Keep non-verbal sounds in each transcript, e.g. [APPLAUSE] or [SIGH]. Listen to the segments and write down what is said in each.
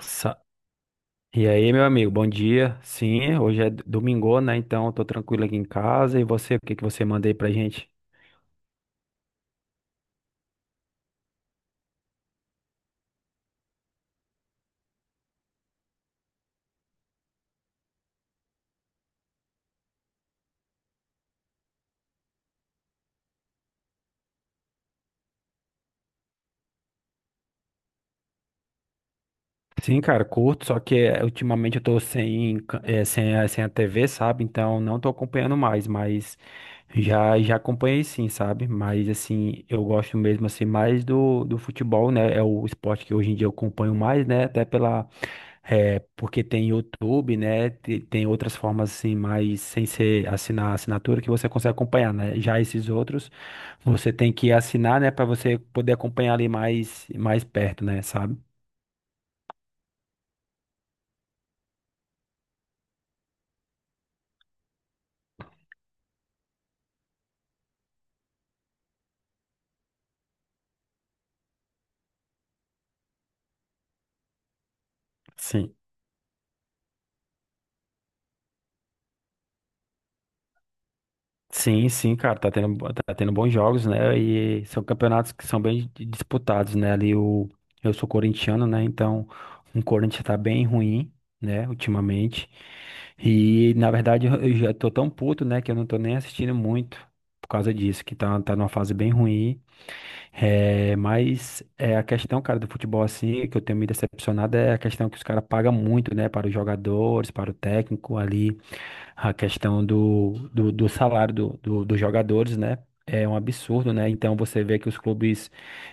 Sa- E aí, meu amigo, bom dia. Sim, hoje é domingo, né? Então, eu tô tranquilo aqui em casa. E você, o que que você manda aí pra gente? Sim, cara, curto, só que ultimamente eu tô sem, ca- eh, sem, a- sem a TV, sabe? Então, não tô acompanhando mais, mas já acompanhei sim, sabe? Mas, assim, eu gosto mesmo, assim, mais do futebol, né? É o esporte que hoje em dia eu acompanho mais, né? Porque tem YouTube, né? Tem outras formas assim, mas sem ser assinar a assinatura que você consegue acompanhar, né? Já esses outros, você tem que assinar, né, para você poder acompanhar ali mais perto, né, sabe? Sim. Sim, sim, cara, tá tendo bons jogos, né? E são campeonatos que são bem disputados, né? Eu sou corintiano, né? Então o Corinthians tá bem ruim, né? Ultimamente. E na verdade eu já tô tão puto, né? Que eu não tô nem assistindo muito por causa disso, que tá numa fase bem ruim. É, mas é, a questão, cara, do futebol assim, que eu tenho me decepcionado é a questão que os caras pagam muito, né, para os jogadores, para o técnico ali, a questão do salário dos jogadores, né, é um absurdo, né, então você vê que os clubes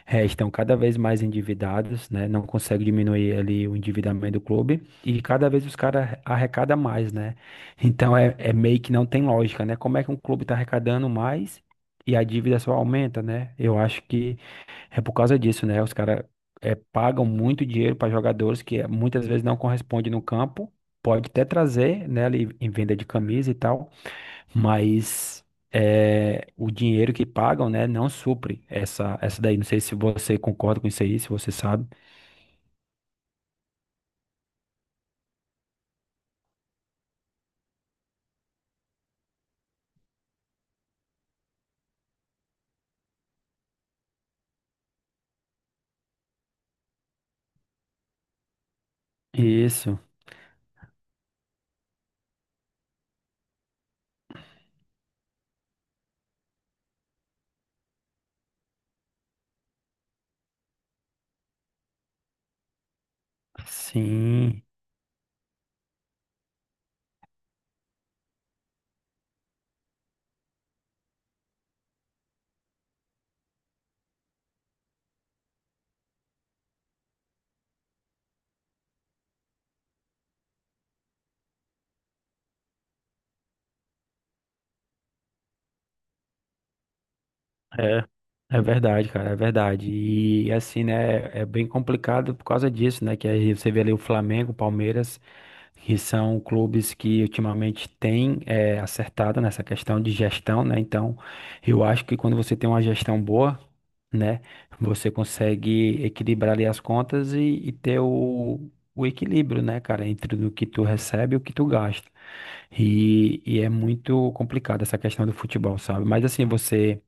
estão cada vez mais endividados, né, não consegue diminuir ali o endividamento do clube e cada vez os caras arrecadam mais, né, então é meio que não tem lógica, né, como é que um clube está arrecadando mais e a dívida só aumenta, né, eu acho que é por causa disso, né? Os caras pagam muito dinheiro para jogadores que muitas vezes não correspondem no campo. Pode até trazer, né, ali em venda de camisa e tal, mas o dinheiro que pagam, né, não supre essa daí. Não sei se você concorda com isso aí, se você sabe. Isso, sim. É, é verdade, cara, é verdade. E assim, né, é bem complicado por causa disso, né, que aí você vê ali o Flamengo, o Palmeiras, que são clubes que ultimamente têm acertado nessa questão de gestão, né? Então, eu acho que quando você tem uma gestão boa, né, você consegue equilibrar ali as contas e ter o equilíbrio, né, cara, entre o que tu recebe e o que tu gasta. E é muito complicado essa questão do futebol, sabe? Mas assim, você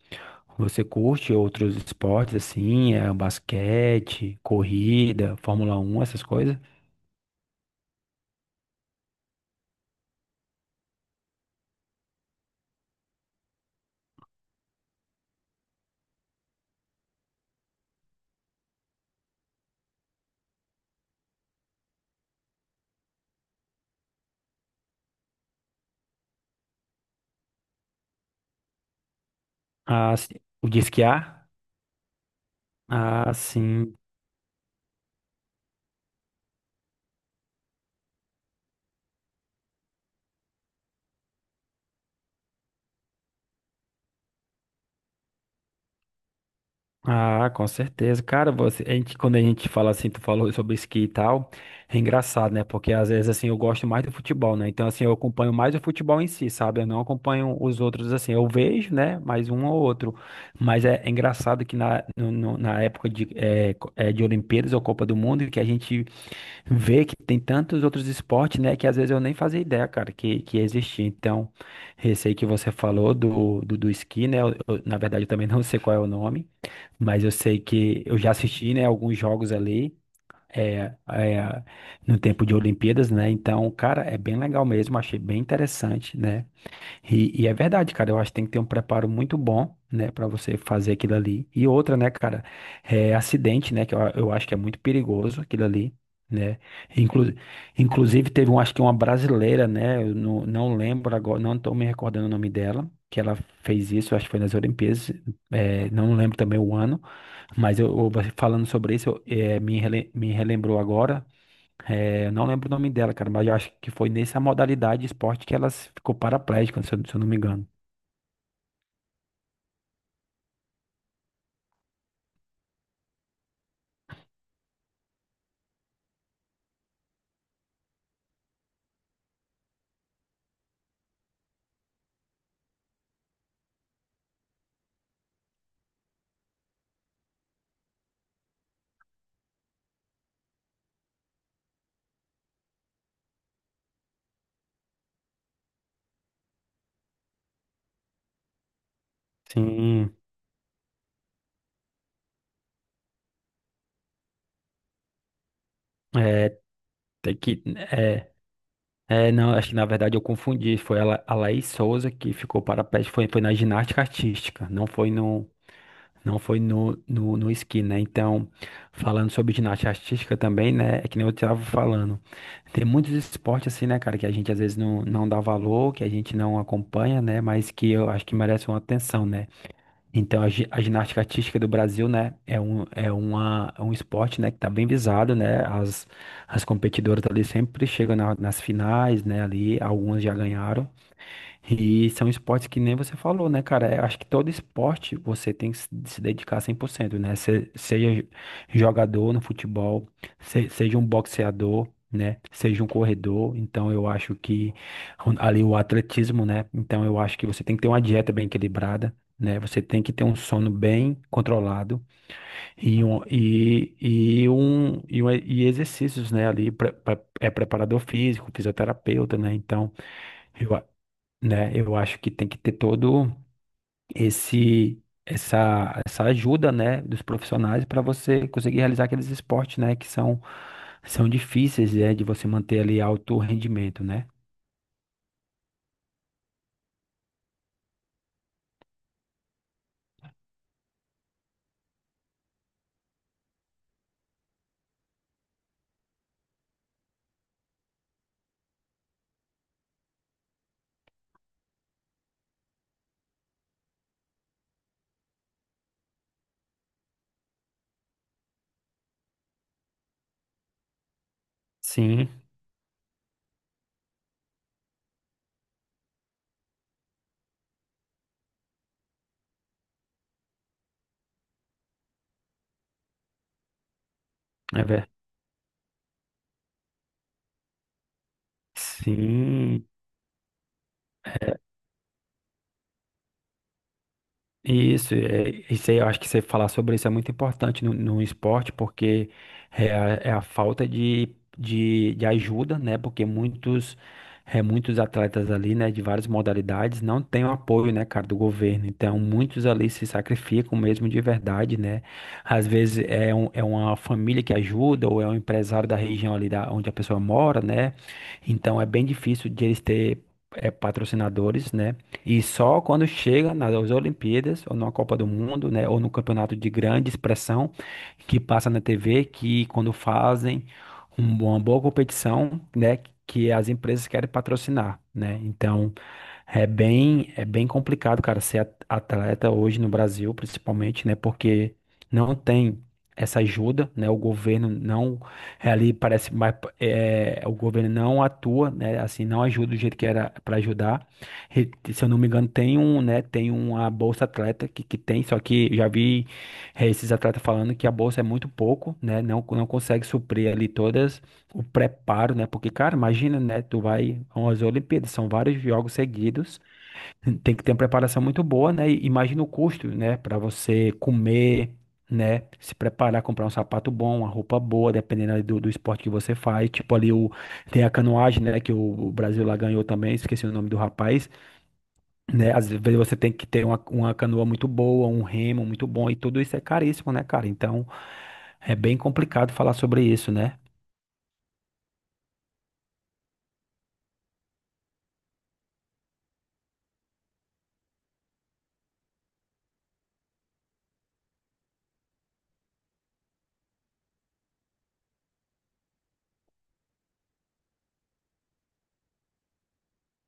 você curte outros esportes assim, é, basquete, corrida, Fórmula 1, essas coisas? Ah, sim. O de esquiar? Ah, sim. Ah, com certeza. Cara, você, a gente, quando a gente fala assim, tu falou sobre esqui e tal, é engraçado, né? Porque às vezes assim eu gosto mais do futebol, né? Então assim, eu acompanho mais o futebol em si, sabe? Eu não acompanho os outros assim. Eu vejo, né? Mais um ou outro. Mas é, é engraçado que na, no- no- na época de, eh, co- eh, de Olimpíadas ou Copa do Mundo, que a gente ver que tem tantos outros esportes, né, que às vezes eu nem fazia ideia, cara, que existia. Então, esse aí que você falou do esqui, né, na verdade eu também [LAUGHS] não sei qual é o nome, mas eu sei que eu já assisti, né, alguns jogos ali, é, é, no tempo de Olimpíadas, né, então, cara, é bem legal mesmo, achei bem interessante, né, e é verdade, cara. Eu acho que tem que ter um preparo muito bom, né, pra você fazer aquilo ali. E outra, né, cara, é acidente, né, que eu acho que é muito perigoso aquilo ali, né? Inclu, inclusive teve um, acho que uma brasileira, né, eu não lembro agora, não tô me recordando o nome dela, que ela fez isso, acho que foi nas Olimpíadas, não lembro também o ano, mas você falando sobre isso, me relembrou agora. Eu não lembro o nome dela, cara, mas eu acho que foi nessa modalidade de esporte que ela ficou paraplégica, se eu não me engano. Sim, é, tem que, é, é, não, acho que na verdade eu confundi, foi a Laís Souza que ficou para pé, foi na ginástica artística, não foi no, não foi no, no, no esqui, né, então, falando sobre ginástica artística também, né, é que nem eu estava falando, tem muitos esportes assim, né, cara, que a gente às vezes não dá valor, que a gente não acompanha, né, mas que eu acho que merece uma atenção, né, Então, a ginástica artística do Brasil, né, é um esporte, né, que tá bem visado, né, as competidoras ali sempre chegam nas finais, né, ali, algumas já ganharam, e são esportes que nem você falou, né, cara? Eu acho que todo esporte você tem que se dedicar 100%, né? Seja jogador no futebol, seja um boxeador, né? Seja um corredor. Então, eu acho que ali o atletismo, né? Então, eu acho que você tem que ter uma dieta bem equilibrada, né? Você tem que ter um sono bem controlado e exercícios, né? Ali, é preparador físico, fisioterapeuta, né? Então, né? Eu acho que tem que ter todo esse essa essa ajuda, né, dos profissionais para você conseguir realizar aqueles esportes, né, que são difíceis, é, de você manter ali alto rendimento, né? Sim, é verdade. Sim, isso, isso aí, eu acho que você falar sobre isso é muito importante no esporte, porque é a falta de ajuda, né? Porque muitos atletas ali, né, de várias modalidades, não têm o apoio, né, cara, do governo. Então, muitos ali se sacrificam mesmo de verdade, né? Às vezes é uma família que ajuda, ou é um empresário da região ali onde a pessoa mora, né? Então, é bem difícil de eles ter patrocinadores, né? E só quando chega nas Olimpíadas, ou numa Copa do Mundo, né, ou num campeonato de grande expressão, que passa na TV, que quando fazem uma boa competição, né, que as empresas querem patrocinar, né? Então, é bem complicado, cara, ser atleta hoje no Brasil, principalmente, né, porque não tem essa ajuda, né? O governo não é, ali parece mais é, O governo não atua, né? Assim, não ajuda do jeito que era para ajudar. Se eu não me engano, tem um, né? Tem uma bolsa atleta que tem, só que já vi esses atletas falando que a bolsa é muito pouco, né? Não consegue suprir ali todas o preparo, né? Porque, cara, imagina, né? Tu vai a umas Olimpíadas, são vários jogos seguidos, tem que ter uma preparação muito boa, né? E imagina o custo, né? Para você comer, né? Se preparar, comprar um sapato bom, uma roupa boa, dependendo ali do esporte que você faz. Tipo, tem a canoagem, né? Que o Brasil lá ganhou também, esqueci o nome do rapaz, né? Às vezes você tem que ter uma canoa muito boa, um remo muito bom, e tudo isso é caríssimo, né, cara? Então é bem complicado falar sobre isso, né?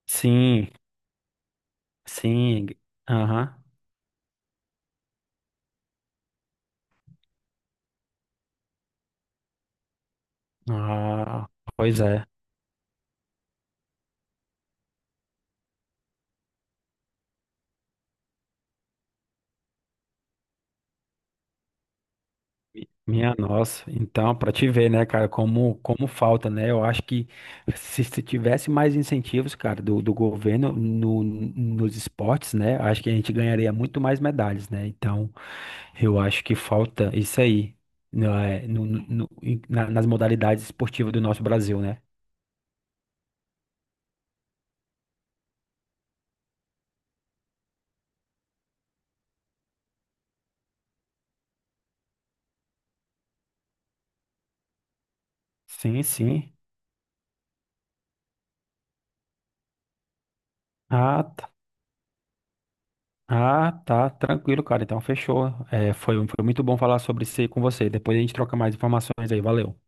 Sim, sim. Aham. Ah, pois é. Minha nossa, então, para te ver, né, cara, como falta, né? Eu acho que se tivesse mais incentivos, cara, do governo no, nos esportes, né, acho que a gente ganharia muito mais medalhas, né? Então, eu acho que falta isso aí, né, nas modalidades esportivas do nosso Brasil, né? Sim, sim. Ah, tá. Ah, tá, tranquilo, cara. Então, fechou. É, foi muito bom falar sobre isso aí com você. Depois a gente troca mais informações aí. Valeu.